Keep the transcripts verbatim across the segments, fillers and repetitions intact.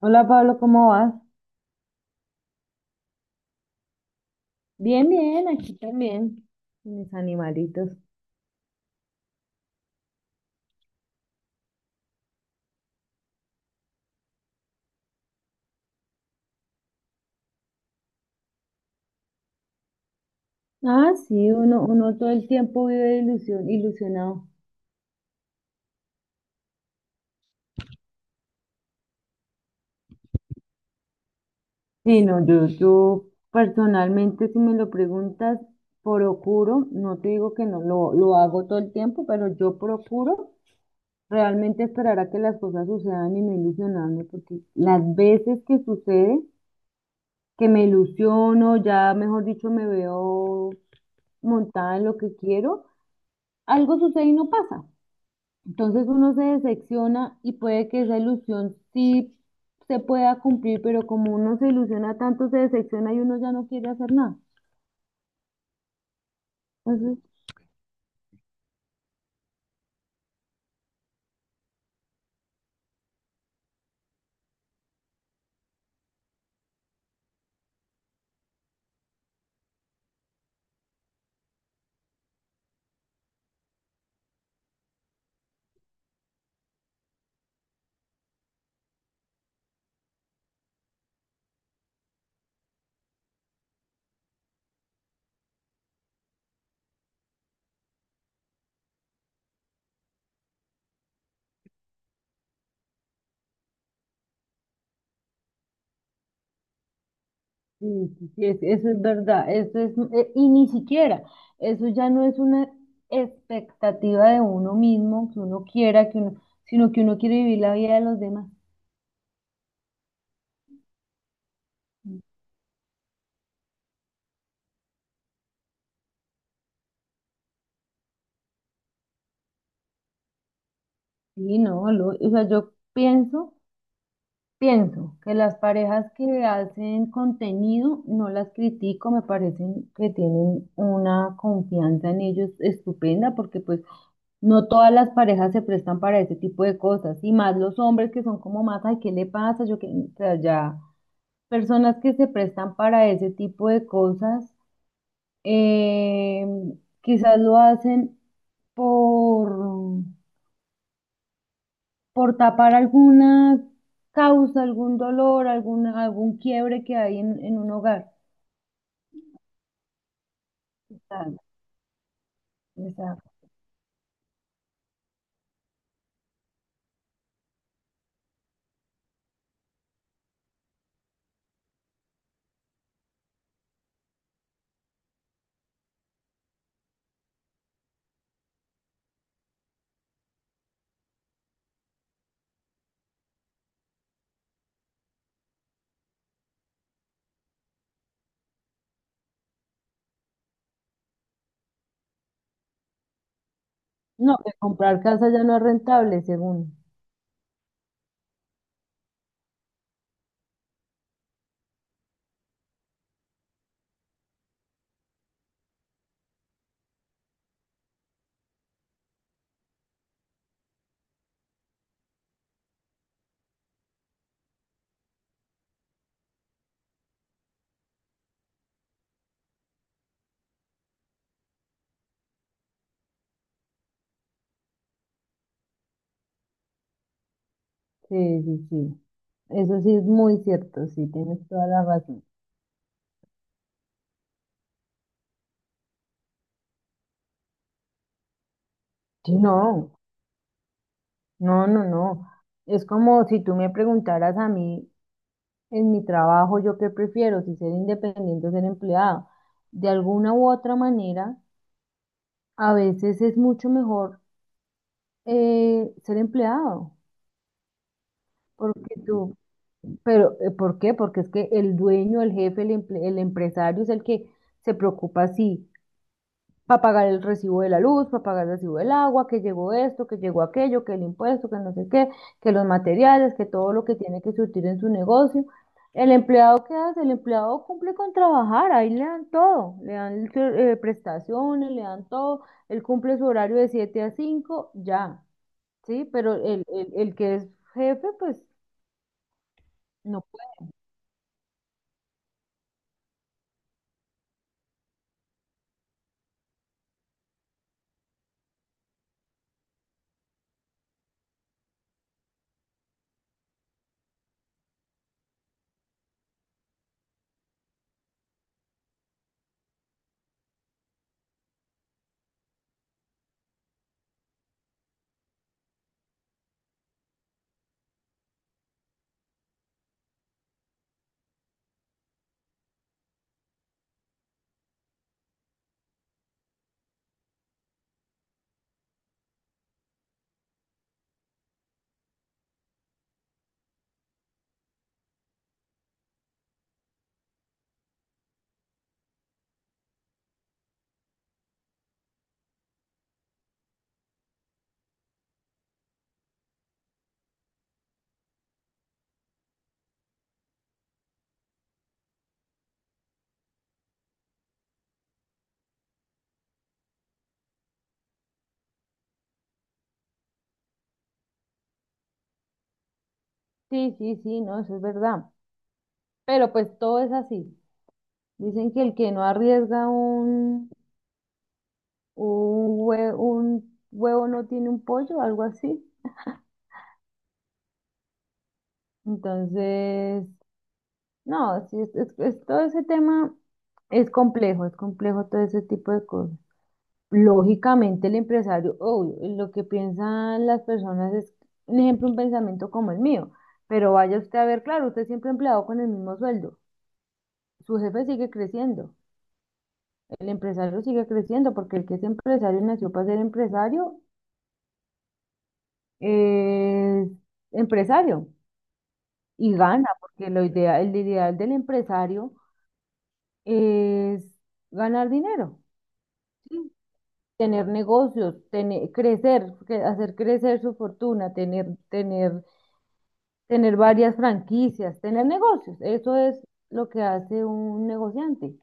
Hola Pablo, ¿cómo vas? Bien, bien, aquí también, con mis animalitos. Ah, sí, uno, uno todo el tiempo vive ilusión, ilusionado. Sí, no, yo, yo personalmente, si me lo preguntas, procuro, no te digo que no lo, lo hago todo el tiempo, pero yo procuro realmente esperar a que las cosas sucedan y no ilusionarme, porque las veces que sucede, que me ilusiono, ya mejor dicho, me veo montada en lo que quiero, algo sucede y no pasa. Entonces uno se decepciona y puede que esa ilusión sí se pueda cumplir, pero como uno se ilusiona tanto, se decepciona y uno ya no quiere hacer nada. Entonces, sí, sí, sí, es- eso es verdad, eso es, eh, y ni siquiera, eso ya no es una expectativa de uno mismo, que uno quiera, que uno, sino que uno quiere vivir la vida de los demás. Sí, no, lo- o sea, yo pienso. Pienso que las parejas que hacen contenido no las critico, me parecen que tienen una confianza en ellos estupenda porque pues no todas las parejas se prestan para ese tipo de cosas y más los hombres que son como más, ay, ¿qué le pasa? Yo que, o sea, ya personas que se prestan para ese tipo de cosas, eh, quizás lo hacen por por tapar alguna causa, algún dolor, algún, algún quiebre que hay en, en un hogar. Exacto, exacto. No, que comprar casa ya no es rentable, según. Sí, sí, sí. Eso sí es muy cierto, sí, tienes toda la razón. Sí, no, no, no, no. Es como si tú me preguntaras a mí en mi trabajo, yo qué prefiero, si ser independiente o ser empleado. De alguna u otra manera, a veces es mucho mejor, eh, ser empleado. Porque tú, pero eh, ¿por qué? Porque es que el dueño, el jefe, el, emple- el empresario es el que se preocupa sí, para pagar el recibo de la luz, para pagar el recibo del agua, que llegó esto, que llegó aquello, que el impuesto, que no sé qué, que los materiales, que todo lo que tiene que surtir en su negocio. El empleado, ¿qué hace? El empleado cumple con trabajar, ahí le dan todo, le dan eh, prestaciones, le dan todo, él cumple su horario de siete a cinco, ya, ¿sí? Pero el, el el que es jefe, pues... No. Sí, sí, sí, no, eso es verdad. Pero pues todo es así. Dicen que el que no arriesga un, un, hue- un huevo no tiene un pollo, algo así. Entonces, no, sí, es, es- es- todo ese tema es complejo, es complejo todo ese tipo de cosas. Lógicamente el empresario, obvio, lo que piensan las personas es, un ejemplo, un pensamiento como el mío. Pero vaya usted a ver, claro, usted siempre empleado con el mismo sueldo. Su jefe sigue creciendo. El empresario sigue creciendo porque el que es empresario nació para ser empresario, es empresario y gana, porque lo idea, el ideal del empresario es ganar dinero, tener negocios, tener, crecer, que- hacer crecer su fortuna, tener, tener, tener varias franquicias, tener negocios. Eso es lo que hace un negociante.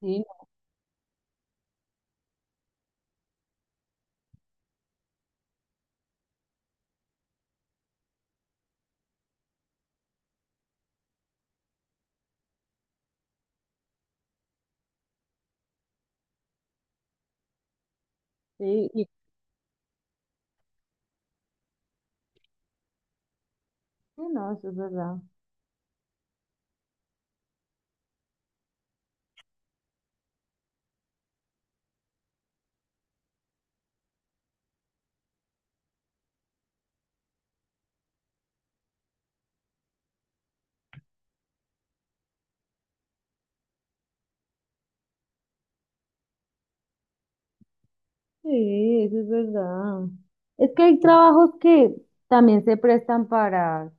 Sí, sí, y- sí, no, eso es verdad. Sí, eso es verdad. Es que hay trabajos que también se prestan para,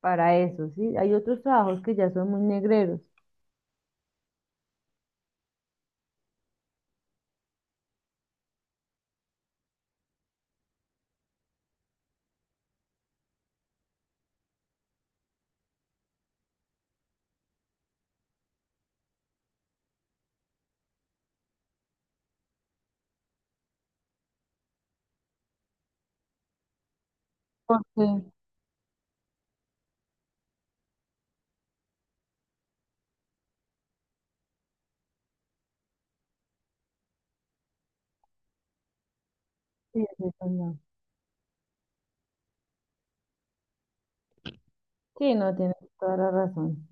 para eso, ¿sí? Hay otros trabajos que ya son muy negreros. Porque, sí, eso es verdad. Sí, no, tienes toda la razón.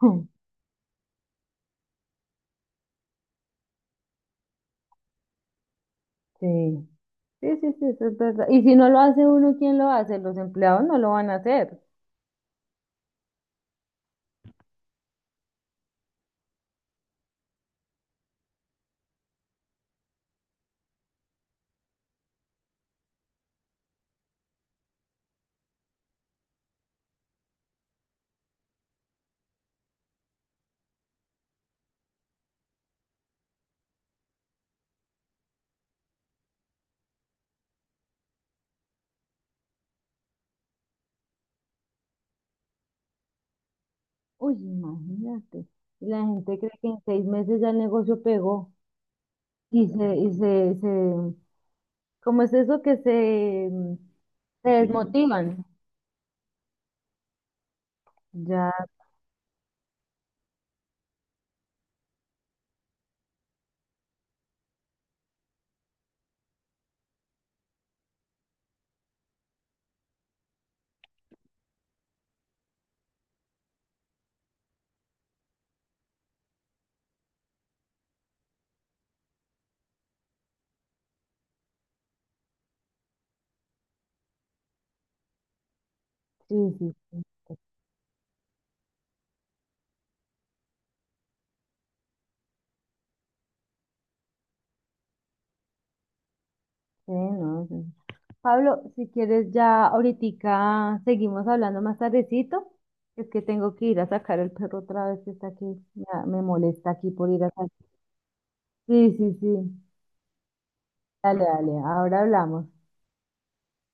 Sí, sí, sí, sí, eso es verdad. Y si no lo hace uno, ¿quién lo hace? Los empleados no lo van a hacer. Uy, imagínate. Y la gente cree que en seis meses ya el negocio pegó. Y se, y se, se, ¿cómo es eso que se, mm, se desmotivan? Ya. Sí, sí, sí, sí, no, sí. Pablo, si quieres ya ahorita seguimos hablando más tardecito. Es que tengo que ir a sacar el perro otra vez que está aquí. Ya me molesta aquí por ir a sacar. Sí, sí, sí. Dale, dale, ahora hablamos.